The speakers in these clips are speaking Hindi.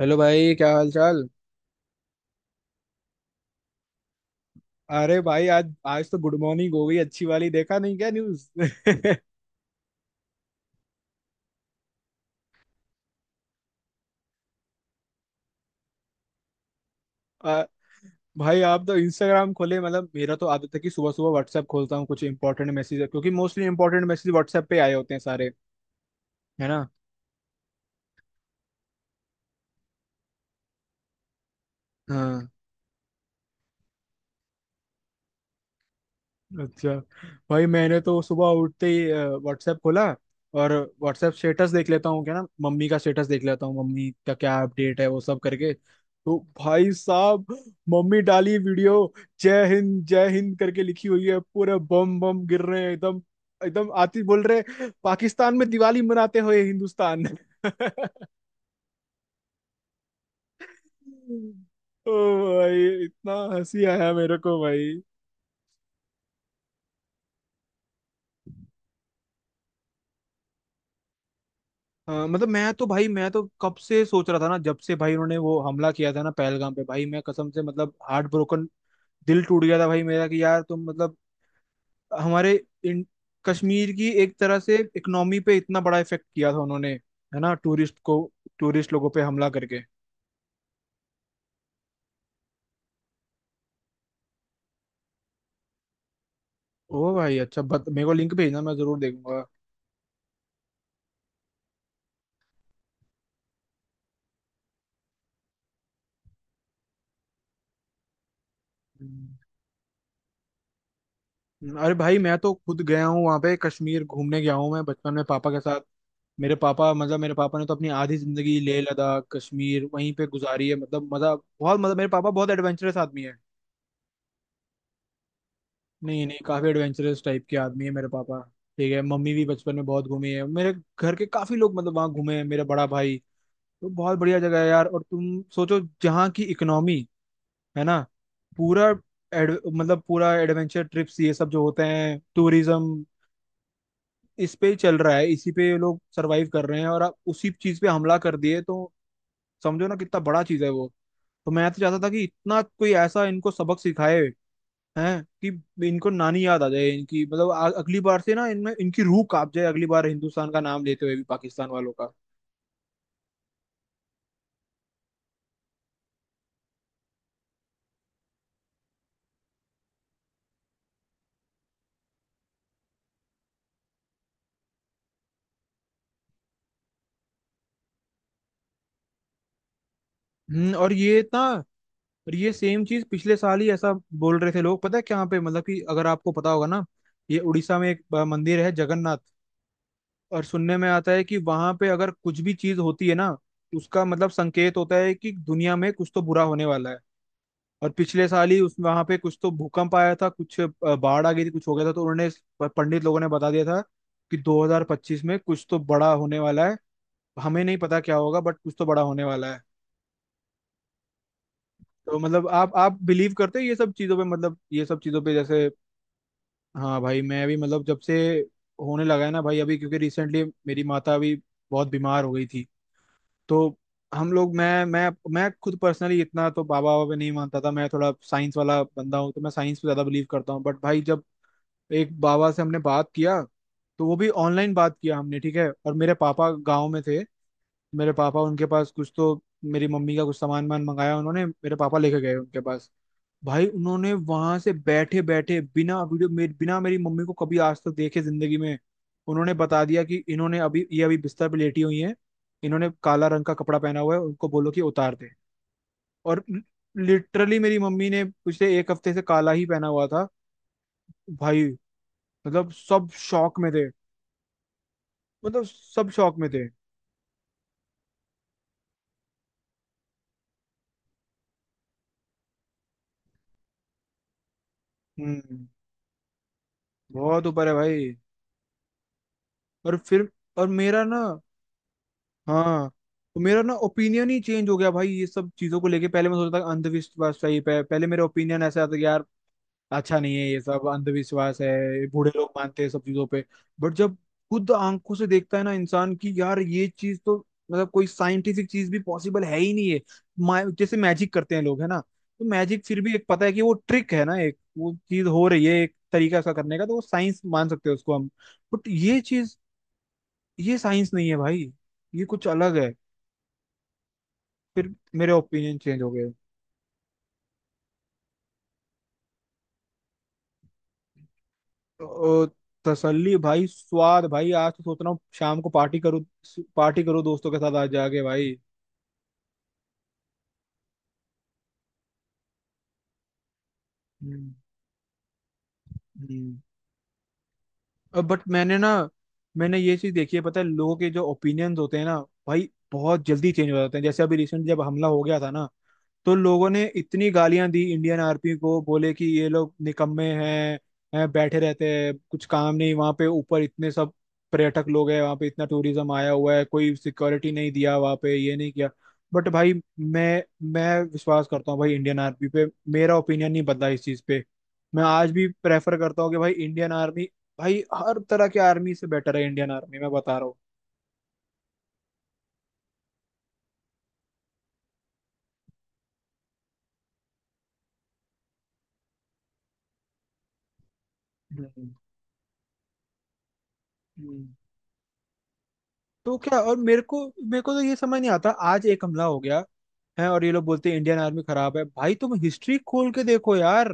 हेलो भाई, क्या हाल चाल। अरे भाई, आज आज तो गुड मॉर्निंग हो गई अच्छी वाली, देखा नहीं क्या न्यूज? आ, भाई आप तो इंस्टाग्राम खोले, मतलब मेरा तो आदत है कि सुबह सुबह व्हाट्सएप खोलता हूँ, कुछ इंपॉर्टेंट मैसेज है क्योंकि मोस्टली इंपॉर्टेंट मैसेज व्हाट्सएप पे आए होते हैं सारे। है ना। हाँ। अच्छा। भाई मैंने तो सुबह उठते ही व्हाट्सएप खोला और व्हाट्सएप स्टेटस देख लेता हूँ क्या ना, मम्मी का स्टेटस देख लेता हूँ, मम्मी का क्या अपडेट है, वो सब करके। तो भाई साहब, मम्मी डाली वीडियो जय हिंद करके, लिखी हुई है पूरे बम बम गिर रहे हैं एकदम। एकदम आती बोल रहे हैं, पाकिस्तान में दिवाली मनाते हुए हिंदुस्तान। ओ भाई, इतना हंसी आया मेरे को भाई। हाँ, मतलब मैं तो भाई, मैं तो कब से सोच रहा था ना, जब से भाई उन्होंने वो हमला किया था ना पहलगाम पे, भाई मैं कसम से मतलब हार्ट ब्रोकन, दिल टूट गया था भाई मेरा कि यार तुम मतलब हमारे इन, कश्मीर की एक तरह से इकोनॉमी पे इतना बड़ा इफेक्ट किया था उन्होंने, है ना, टूरिस्ट को, टूरिस्ट लोगों पे हमला करके। ओ भाई अच्छा मेरे को लिंक भेजना, मैं जरूर देखूंगा। अरे भाई मैं तो खुद गया हूँ वहां पे, कश्मीर घूमने गया हूँ मैं बचपन में पापा के साथ। मेरे पापा, मतलब मेरे पापा ने तो अपनी आधी जिंदगी लेह लद्दाख कश्मीर वहीं पे गुजारी है, मतलब मजा बहुत, मतलब मेरे पापा बहुत एडवेंचरस आदमी है। नहीं नहीं, काफी एडवेंचरस टाइप के आदमी है मेरे पापा। ठीक है, मम्मी भी बचपन में बहुत घूमी है, मेरे घर के काफी लोग, मतलब वहाँ घूमे हैं, मेरा बड़ा भाई। तो बहुत बढ़िया जगह है यार, और तुम सोचो जहाँ की इकोनॉमी है ना, पूरा मतलब पूरा एडवेंचर ट्रिप्स ये सब जो होते हैं, टूरिज्म इस पे ही चल रहा है, इसी पे ये लोग सरवाइव कर रहे हैं, और आप उसी चीज पे हमला कर दिए तो समझो ना कितना बड़ा चीज है वो। तो मैं तो चाहता था कि इतना कोई ऐसा इनको सबक सिखाए, हैं कि इनको नानी याद आ जाए इनकी, मतलब अगली बार से ना इनमें, इनकी रूह कांप जाए अगली बार हिंदुस्तान का नाम लेते हुए भी, पाकिस्तान वालों का। हम्म। और ये सेम चीज पिछले साल ही ऐसा बोल रहे थे लोग, पता है क्या पे, मतलब कि अगर आपको पता होगा ना, ये उड़ीसा में एक मंदिर है जगन्नाथ। और सुनने में आता है कि वहां पे अगर कुछ भी चीज होती है ना, उसका मतलब संकेत होता है कि दुनिया में कुछ तो बुरा होने वाला है। और पिछले साल ही उस वहां पे कुछ तो भूकंप आया था, कुछ बाढ़ आ गई थी, कुछ हो गया था, तो उन्होंने पंडित लोगों ने बता दिया था कि 2025 में कुछ तो बड़ा होने वाला है, हमें नहीं पता क्या होगा, बट कुछ तो बड़ा होने वाला है। तो मतलब आप बिलीव करते हो ये सब चीजों पे, मतलब ये सब चीजों पे जैसे। हाँ भाई, मैं भी मतलब जब से होने लगा है ना भाई, अभी क्योंकि रिसेंटली मेरी माता अभी बहुत बीमार हो गई थी, तो हम लोग, मैं खुद पर्सनली इतना तो बाबा बाबा पे नहीं मानता था, मैं थोड़ा साइंस वाला बंदा हूँ, तो मैं साइंस पे ज्यादा बिलीव करता हूँ, बट भाई जब एक बाबा से हमने बात किया, तो वो भी ऑनलाइन बात किया हमने, ठीक है, और मेरे पापा गाँव में थे, मेरे पापा उनके पास, कुछ तो मेरी मम्मी का कुछ सामान वामान मंगाया उन्होंने, मेरे पापा लेके गए उनके पास। भाई उन्होंने वहां से बैठे बैठे, बिना वीडियो मेरे, बिना मेरी मम्मी को कभी आज तक देखे जिंदगी में, उन्होंने बता दिया कि इन्होंने अभी, ये अभी बिस्तर पे लेटी हुई हैं, इन्होंने काला रंग का कपड़ा पहना हुआ है, उनको बोलो कि उतार दे। और लिटरली मेरी मम्मी ने पिछले एक हफ्ते से काला ही पहना हुआ था भाई। मतलब सब शौक में थे, मतलब सब शौक में थे। हम्म। बहुत ऊपर है भाई। और फिर और मेरा ना हाँ, तो मेरा ना ओपिनियन ही चेंज हो गया भाई ये सब चीजों को लेके। पहले मैं सोचता था अंधविश्वास टाइप है, पहले मेरा ओपिनियन ऐसा आता था कि यार अच्छा नहीं है ये सब, अंधविश्वास है, बूढ़े लोग मानते हैं सब चीजों पे। बट जब खुद आंखों से देखता है ना इंसान कि यार ये चीज तो मतलब कोई साइंटिफिक चीज भी पॉसिबल है ही नहीं है। जैसे मैजिक करते हैं लोग है ना, तो मैजिक फिर भी, एक पता है कि वो ट्रिक है ना, एक वो चीज हो रही है, एक तरीका उसका करने का, तो वो साइंस मान सकते हैं उसको हम। बट ये चीज, ये साइंस नहीं है भाई, ये कुछ अलग है। फिर मेरे ओपिनियन चेंज हो गए। ओ, तसल्ली भाई, स्वाद भाई, आज तो सोच रहा हूँ शाम को पार्टी करूँ, पार्टी करूँ दोस्तों के साथ आज जाके भाई। हम्म। बट मैंने ये चीज देखी है, पता है, लोगों के जो ओपिनियंस होते हैं ना भाई, बहुत जल्दी चेंज हो जाते हैं, जैसे अभी रिसेंट जब हमला हो गया था ना, तो लोगों ने इतनी गालियां दी इंडियन आर्मी को, बोले कि ये लोग निकम्मे हैं बैठे रहते हैं, कुछ काम नहीं, वहां पे ऊपर इतने सब पर्यटक लोग हैं, वहां पे इतना टूरिज्म आया हुआ है, कोई सिक्योरिटी नहीं दिया वहां पे, ये नहीं किया। बट भाई, मैं मैं विश्वास करता हूँ भाई इंडियन आर्मी पे, मेरा ओपिनियन नहीं बदला इस चीज पे। मैं आज भी प्रेफर करता हूँ कि भाई इंडियन आर्मी, भाई हर तरह की आर्मी से बेटर है इंडियन आर्मी, मैं बता रहा हूँ। हम्म, हम्म। तो क्या, और मेरे को तो ये समझ नहीं आता, आज एक हमला हो गया हैं और ये लोग बोलते हैं इंडियन आर्मी खराब है, भाई तुम हिस्ट्री खोल के देखो यार।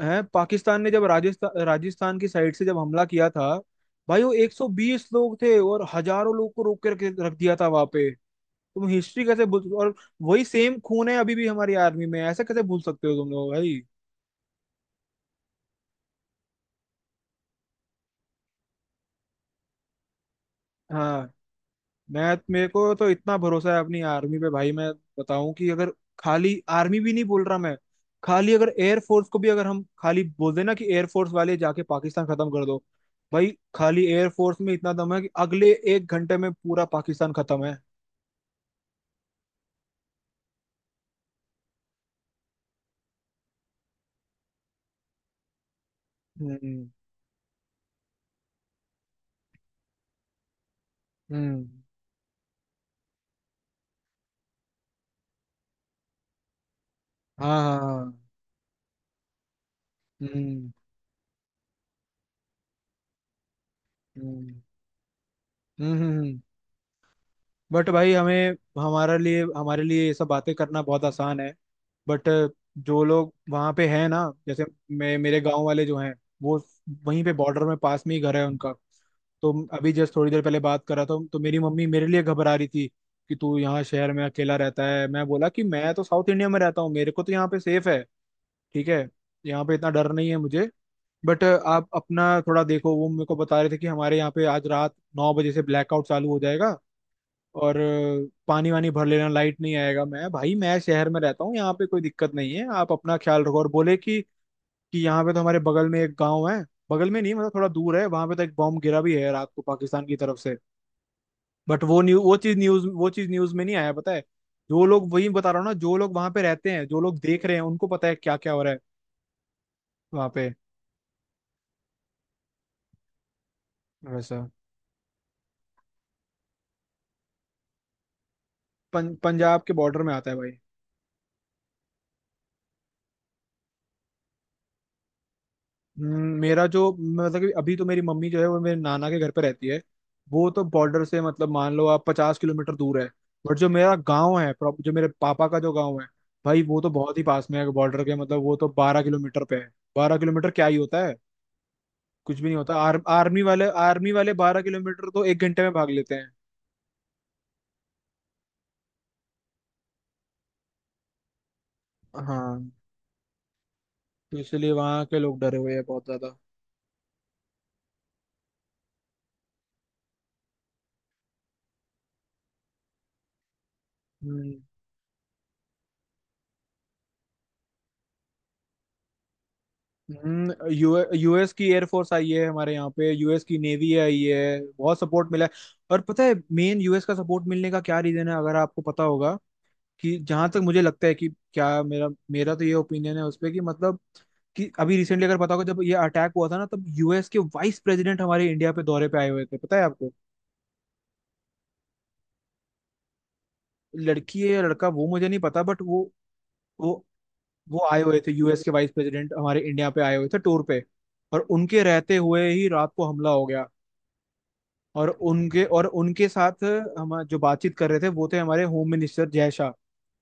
हैं पाकिस्तान ने जब राजस्थान राजस्थान की साइड से जब हमला किया था, भाई वो 120 लोग थे और हजारों लोग को रोक के रख दिया था वहां पे। तुम हिस्ट्री कैसे भूल, और वही सेम खून है अभी भी हमारी आर्मी में, ऐसा कैसे भूल सकते हो तुम लोग भाई। हाँ, मैं, मेरे को तो इतना भरोसा है अपनी आर्मी पे भाई, मैं बताऊं कि अगर, खाली आर्मी भी नहीं बोल रहा मैं, खाली अगर एयरफोर्स को भी, अगर हम खाली बोल देना कि एयरफोर्स वाले जाके पाकिस्तान खत्म कर दो, भाई खाली एयरफोर्स में इतना दम है कि अगले एक घंटे में पूरा पाकिस्तान खत्म है। हम्म, हम्म, हाँ हाँ हाँ, हम्म, हम्म, हम्म, बट भाई हमें, हमारे लिए ये सब बातें करना बहुत आसान है। बट जो लोग वहाँ पे हैं ना, जैसे मैं मेरे गांव वाले जो हैं, वो वहीं पे बॉर्डर में पास में ही घर है उनका। तो अभी जस्ट थोड़ी देर पहले बात कर रहा था तो मेरी मम्मी मेरे लिए घबरा रही थी कि तू यहाँ शहर में अकेला रहता है, मैं बोला कि मैं तो साउथ इंडिया में रहता हूँ, मेरे को तो यहाँ पे सेफ है, ठीक है, यहाँ पे इतना डर नहीं है मुझे। बट आप अपना थोड़ा देखो, वो मेरे को बता रहे थे कि हमारे यहाँ पे आज रात 9 बजे से ब्लैकआउट चालू हो जाएगा और पानी वानी भर लेना, लाइट नहीं आएगा। मैं भाई मैं शहर में रहता हूँ, यहाँ पे कोई दिक्कत नहीं है, आप अपना ख्याल रखो, और बोले कि यहाँ पे तो हमारे बगल में एक गांव है, बगल में नहीं मतलब थोड़ा दूर है, वहां पे तो एक बॉम्ब गिरा भी है रात को पाकिस्तान की तरफ से, बट वो न्यू वो चीज न्यूज में नहीं आया, पता है। जो लोग, वही बता रहा हूँ ना, जो लोग वहां पे रहते हैं, जो लोग देख रहे हैं, उनको पता है क्या क्या हो रहा है वहां पे, वैसा। पंजाब के बॉर्डर में आता है भाई। मेरा जो, मतलब कि अभी तो मेरी मम्मी जो है वो मेरे नाना के घर पे रहती है, वो तो बॉर्डर से मतलब मान लो आप 50 किलोमीटर दूर है। बट जो मेरा गांव है, जो मेरे पापा का जो गांव है, भाई वो तो बहुत ही पास में है बॉर्डर के, मतलब वो तो 12 किलोमीटर पे है। 12 किलोमीटर क्या ही होता है, कुछ भी नहीं होता, आर, आर्मी वाले 12 किलोमीटर तो एक घंटे में भाग लेते हैं। हाँ, तो इसलिए वहाँ के लोग डरे हुए हैं बहुत ज्यादा। हम्म, हम्म। यू यूएस की एयरफोर्स आई है हमारे यहाँ पे, यूएस की नेवी आई है, बहुत सपोर्ट मिला है। और पता है मेन यूएस का सपोर्ट मिलने का क्या रीजन है, अगर आपको पता होगा, कि जहां तक मुझे लगता है कि क्या, मेरा मेरा तो ये ओपिनियन है उस पे कि मतलब, कि अभी रिसेंटली अगर पता होगा जब ये अटैक हुआ था ना, तब यूएस के वाइस प्रेसिडेंट हमारे इंडिया पे दौरे पे आए हुए थे, पता है आपको। लड़की है या लड़का वो मुझे नहीं पता बट वो वो आए हुए थे, यूएस के वाइस प्रेसिडेंट हमारे इंडिया पे आए हुए थे टूर पे, और उनके रहते हुए ही रात को हमला हो गया। और उनके, और उनके साथ हम जो बातचीत कर रहे थे वो थे हमारे होम मिनिस्टर जय शाह,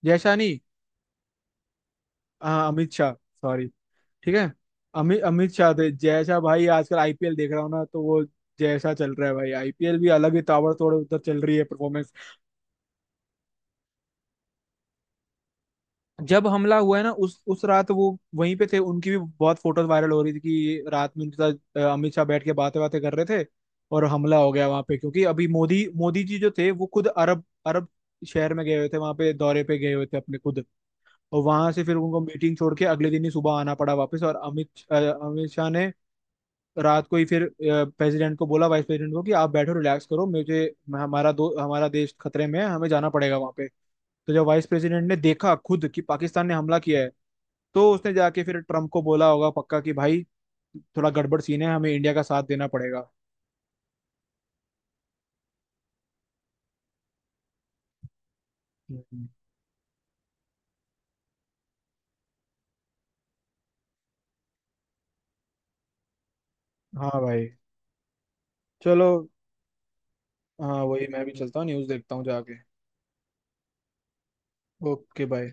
जय शाह नहीं, हाँ अमित शाह सॉरी। ठीक है, अमित अमित शाह थे, जय शाह भाई आजकल आईपीएल देख रहा हूँ ना तो वो जय शाह चल रहा है भाई, आईपीएल भी अलग ही ताबड़तोड़ उधर चल रही है परफॉर्मेंस। जब हमला हुआ है ना, उस रात वो वहीं पे थे, उनकी भी बहुत फोटोज वायरल हो रही थी कि रात में उनके साथ अमित शाह बैठ के बातें बातें कर रहे थे और हमला हो गया वहां पे, क्योंकि अभी मोदी मोदी जी जो थे वो खुद अरब अरब शहर में गए हुए थे, वहां पे दौरे पे गए हुए थे अपने खुद। और वहां से फिर उनको मीटिंग छोड़ के अगले दिन ही सुबह आना पड़ा वापस, और अमित शाह ने रात को ही फिर प्रेसिडेंट को बोला, वाइस प्रेसिडेंट को कि आप बैठो रिलैक्स करो मुझे, हमारा देश खतरे में है, हमें जाना पड़ेगा वहां पे। तो जब वाइस प्रेसिडेंट ने देखा खुद कि पाकिस्तान ने हमला किया है, तो उसने जाके फिर ट्रम्प को बोला होगा पक्का कि भाई थोड़ा गड़बड़ सीन है, हमें इंडिया का साथ देना पड़ेगा। हम्म। हाँ भाई। चलो, हाँ वही, मैं भी चलता हूँ न्यूज़ देखता हूँ जाके। Okay bye.